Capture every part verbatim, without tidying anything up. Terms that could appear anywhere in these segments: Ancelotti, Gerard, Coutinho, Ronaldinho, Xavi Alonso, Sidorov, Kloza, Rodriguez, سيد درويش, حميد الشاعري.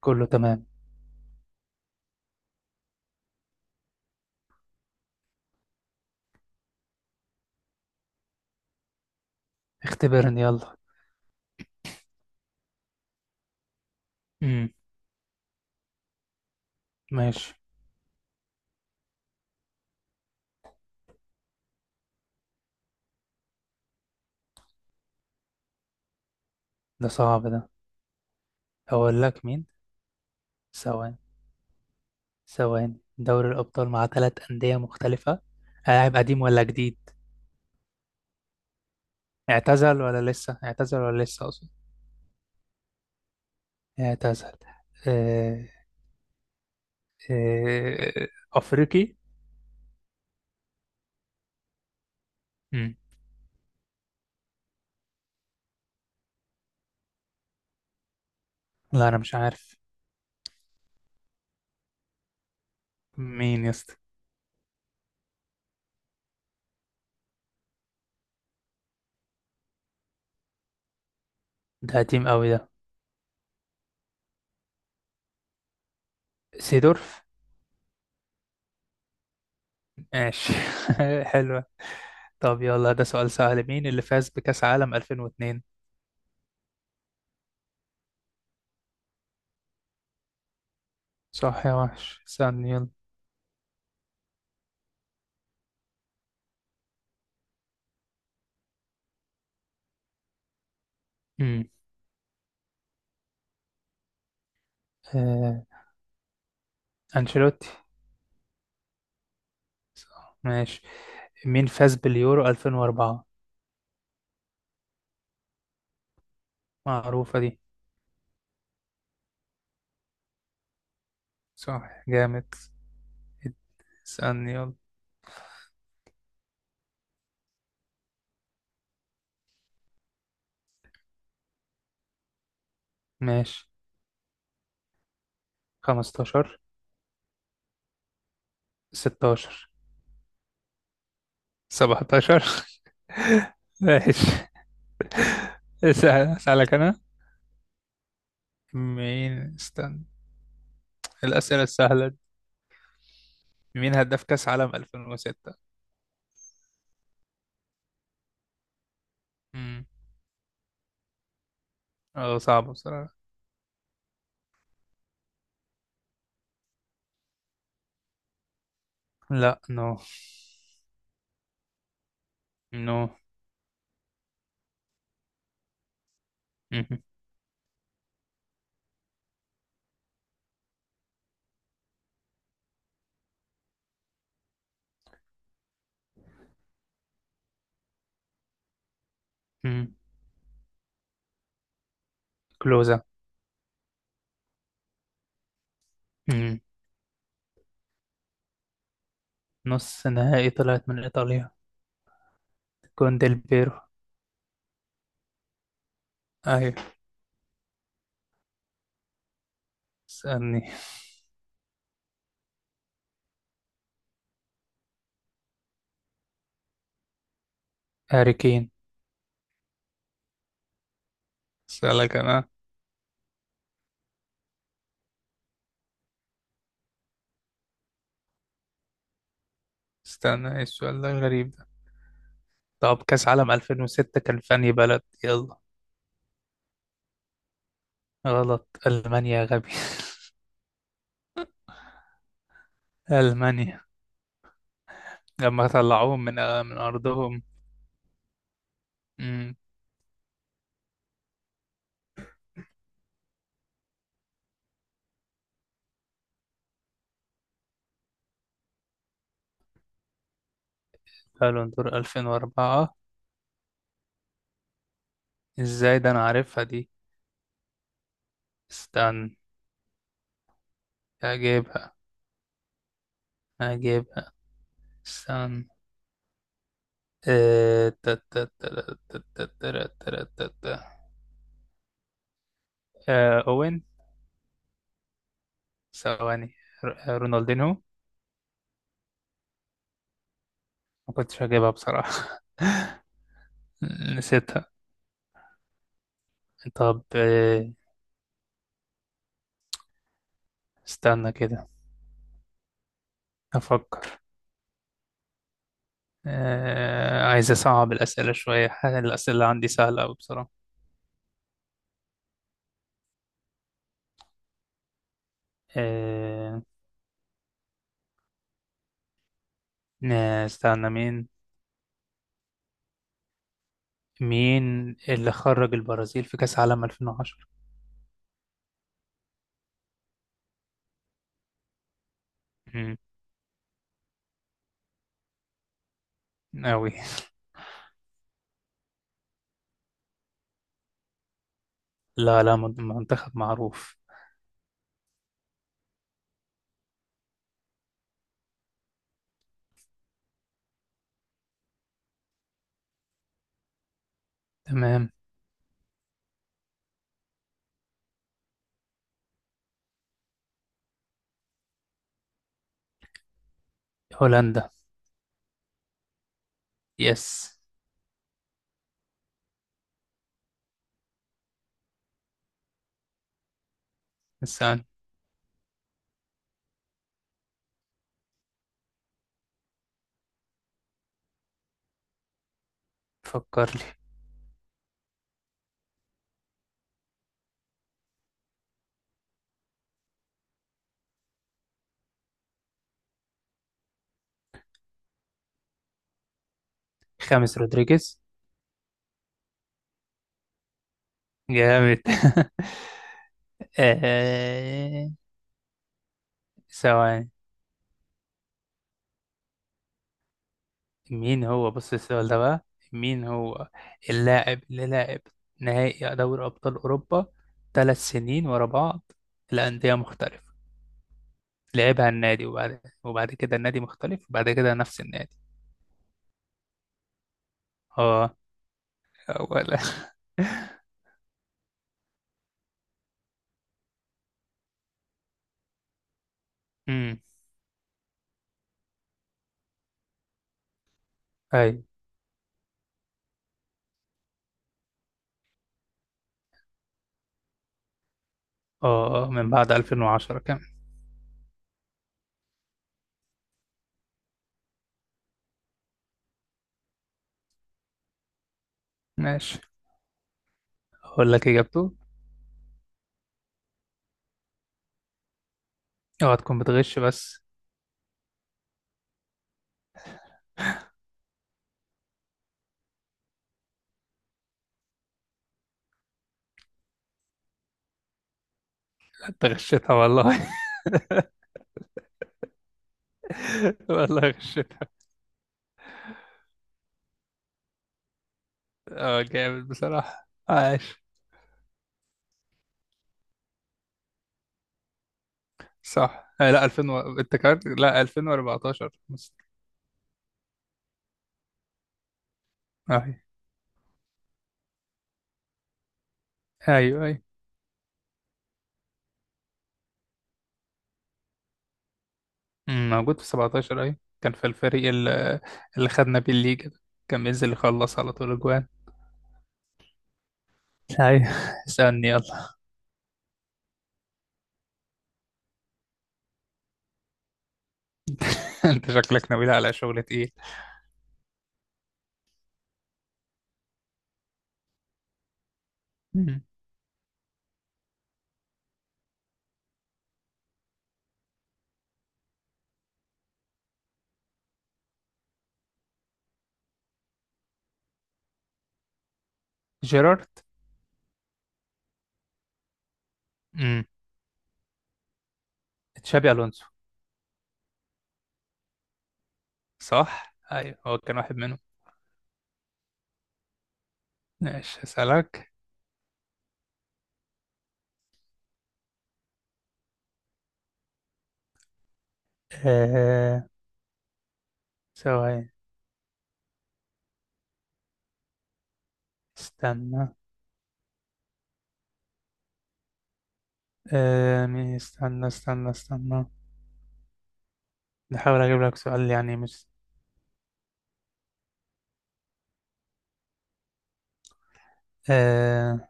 كله تمام. اختبرني يلا. امم ماشي. ده صعب ده. اقول لك مين. ثواني ثواني. دوري الابطال مع ثلاثة أندية مختلفه. لاعب قديم ولا جديد؟ اعتزل ولا لسه اعتزل ولا لسه اقصد. اعتزل. آه... آه... افريقي. امم لا، انا مش عارف. مين يا اسطى؟ ده قديم قوي ده. سيدورف. ماشي. حلوة. طب يلا، ده سؤال سهل. مين اللي فاز بكأس عالم ألفين واثنين؟ صح يا وحش، استنى يلا. مم. آه، أنشيلوتي. صح ماشي. مين فاز باليورو ألفين وأربعة؟ معروفة دي. صح جامد. اسألني يلا. ماشي. خمستاشر. ستاشر. سبعة عشر. ماشي. اسأل- أسألك أنا. مين، استنى. الأسئلة السهلة دي. مين هداف كأس عالم ألفين وستة؟ امم اه، صعب بصراحة. لا نو. نو. مهم. مم. كلوزا. مم. نص نهائي، طلعت من إيطاليا. كون ديل بيرو. ايوه. اسألني. هاري كين. اسألك أنا. استنى، إيه السؤال ده غريب ده. طب كأس عالم ألفين وستة كان في أنهي بلد؟ يلا. غلط، ألمانيا يا غبي. ألمانيا. لما طلعوهم من من أرضهم. امم قالوا دور ألفين وأربعة. إزاي ده، أنا عارفها دي. استنى. هجيبها هجيبها. استنى. آه، تا- تا- تا- تا- تا- تا- تا- تا- تا. آه، أوين. ثواني. ر- آه، رونالدينهو. ما كنتش هجيبها بصراحة. نسيتها. طب، آه، استنى كده، أفكر. آه، عايز أصعب الأسئلة شوية. ح- الأسئلة اللي عندي سهلة أوي بصراحة. آه، نا- استنى مين. مين اللي خرج البرازيل في كأس عالم ألفين وعشرة؟ مم، أوي. لا لا، من- منتخب معروف. تمام. هولندا. يس. استنى، فكر لي. خامس رودريجيز. جامد. آه، ثواني. مين هو، بص، السؤال ده بقى. مين هو اللاعب اللي لعب نهائي دوري أبطال أوروبا ثلاث سنين ورا بعض لأندية مختلفة. لعبها النادي، وبعد وبعد كده النادي مختلف، وبعد كده نفس النادي. اه، ولا... امم اي. اه، آه، من بعد ألفين وعشرة كمان. ماشي، اقول لك اجابته. اوعى تكون بتغش بس. انت غشيتها والله. والله غشيتها. اه جامد بصراحة، عاش. صح. آه لا، ألفين و... انت كارت. لا ألفين وأربعتاشر مست- اي. ايوه اي. أمم، موجود في سبعة عشر. اي، كان في الفريق اللي, اللي خدنا بيه الليجا ده. كان بينزل اللي يخلص على طول اجوان. ايوه. اسالني يلا. انت شكلك ناوي على شغل تقيل. مم. جيرارد. مم. تشابي الونسو. صح، ايوه، هو كان واحد منهم. ماشي، اسالك. آه... ثواني. استنى. آه... مين- استنى استنى استنى. نحاول اجيب لك سؤال، يعني مش... آه...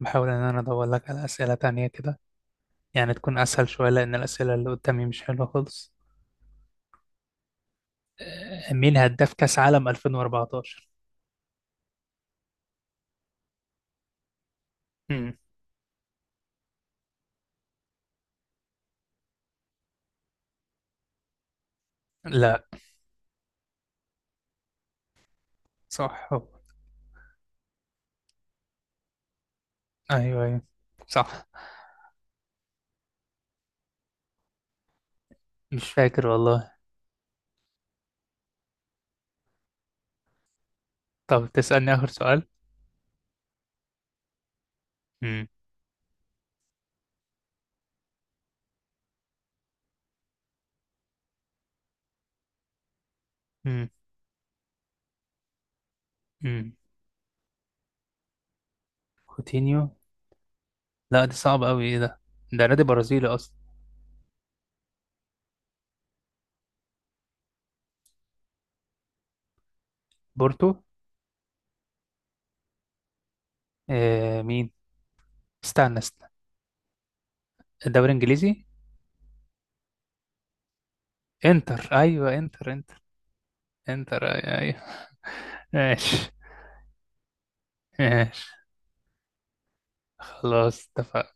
بحاول إن أنا أدور لك على أسئلة تانية كده، يعني تكون أسهل شوية، لأن الأسئلة اللي قدامي مش حلوة خالص. آه، مين هداف كأس عالم ألفين وأربعة عشر؟ مم. لا. صح هو. أيوه أيوه. صح. مش فاكر والله. طب تسألني آخر سؤال؟ مم. مم. مم. كوتينيو. لا دي صعبة أوي، إيه ده؟ ده نادي برازيلي أصلا. بورتو. آه، مين؟ استنى استنى. الدوري الإنجليزي؟ انتر. أيوه، انتر انتر. انتر أيوه أيوه. ماشي. ماشي، خلاص اتفقنا.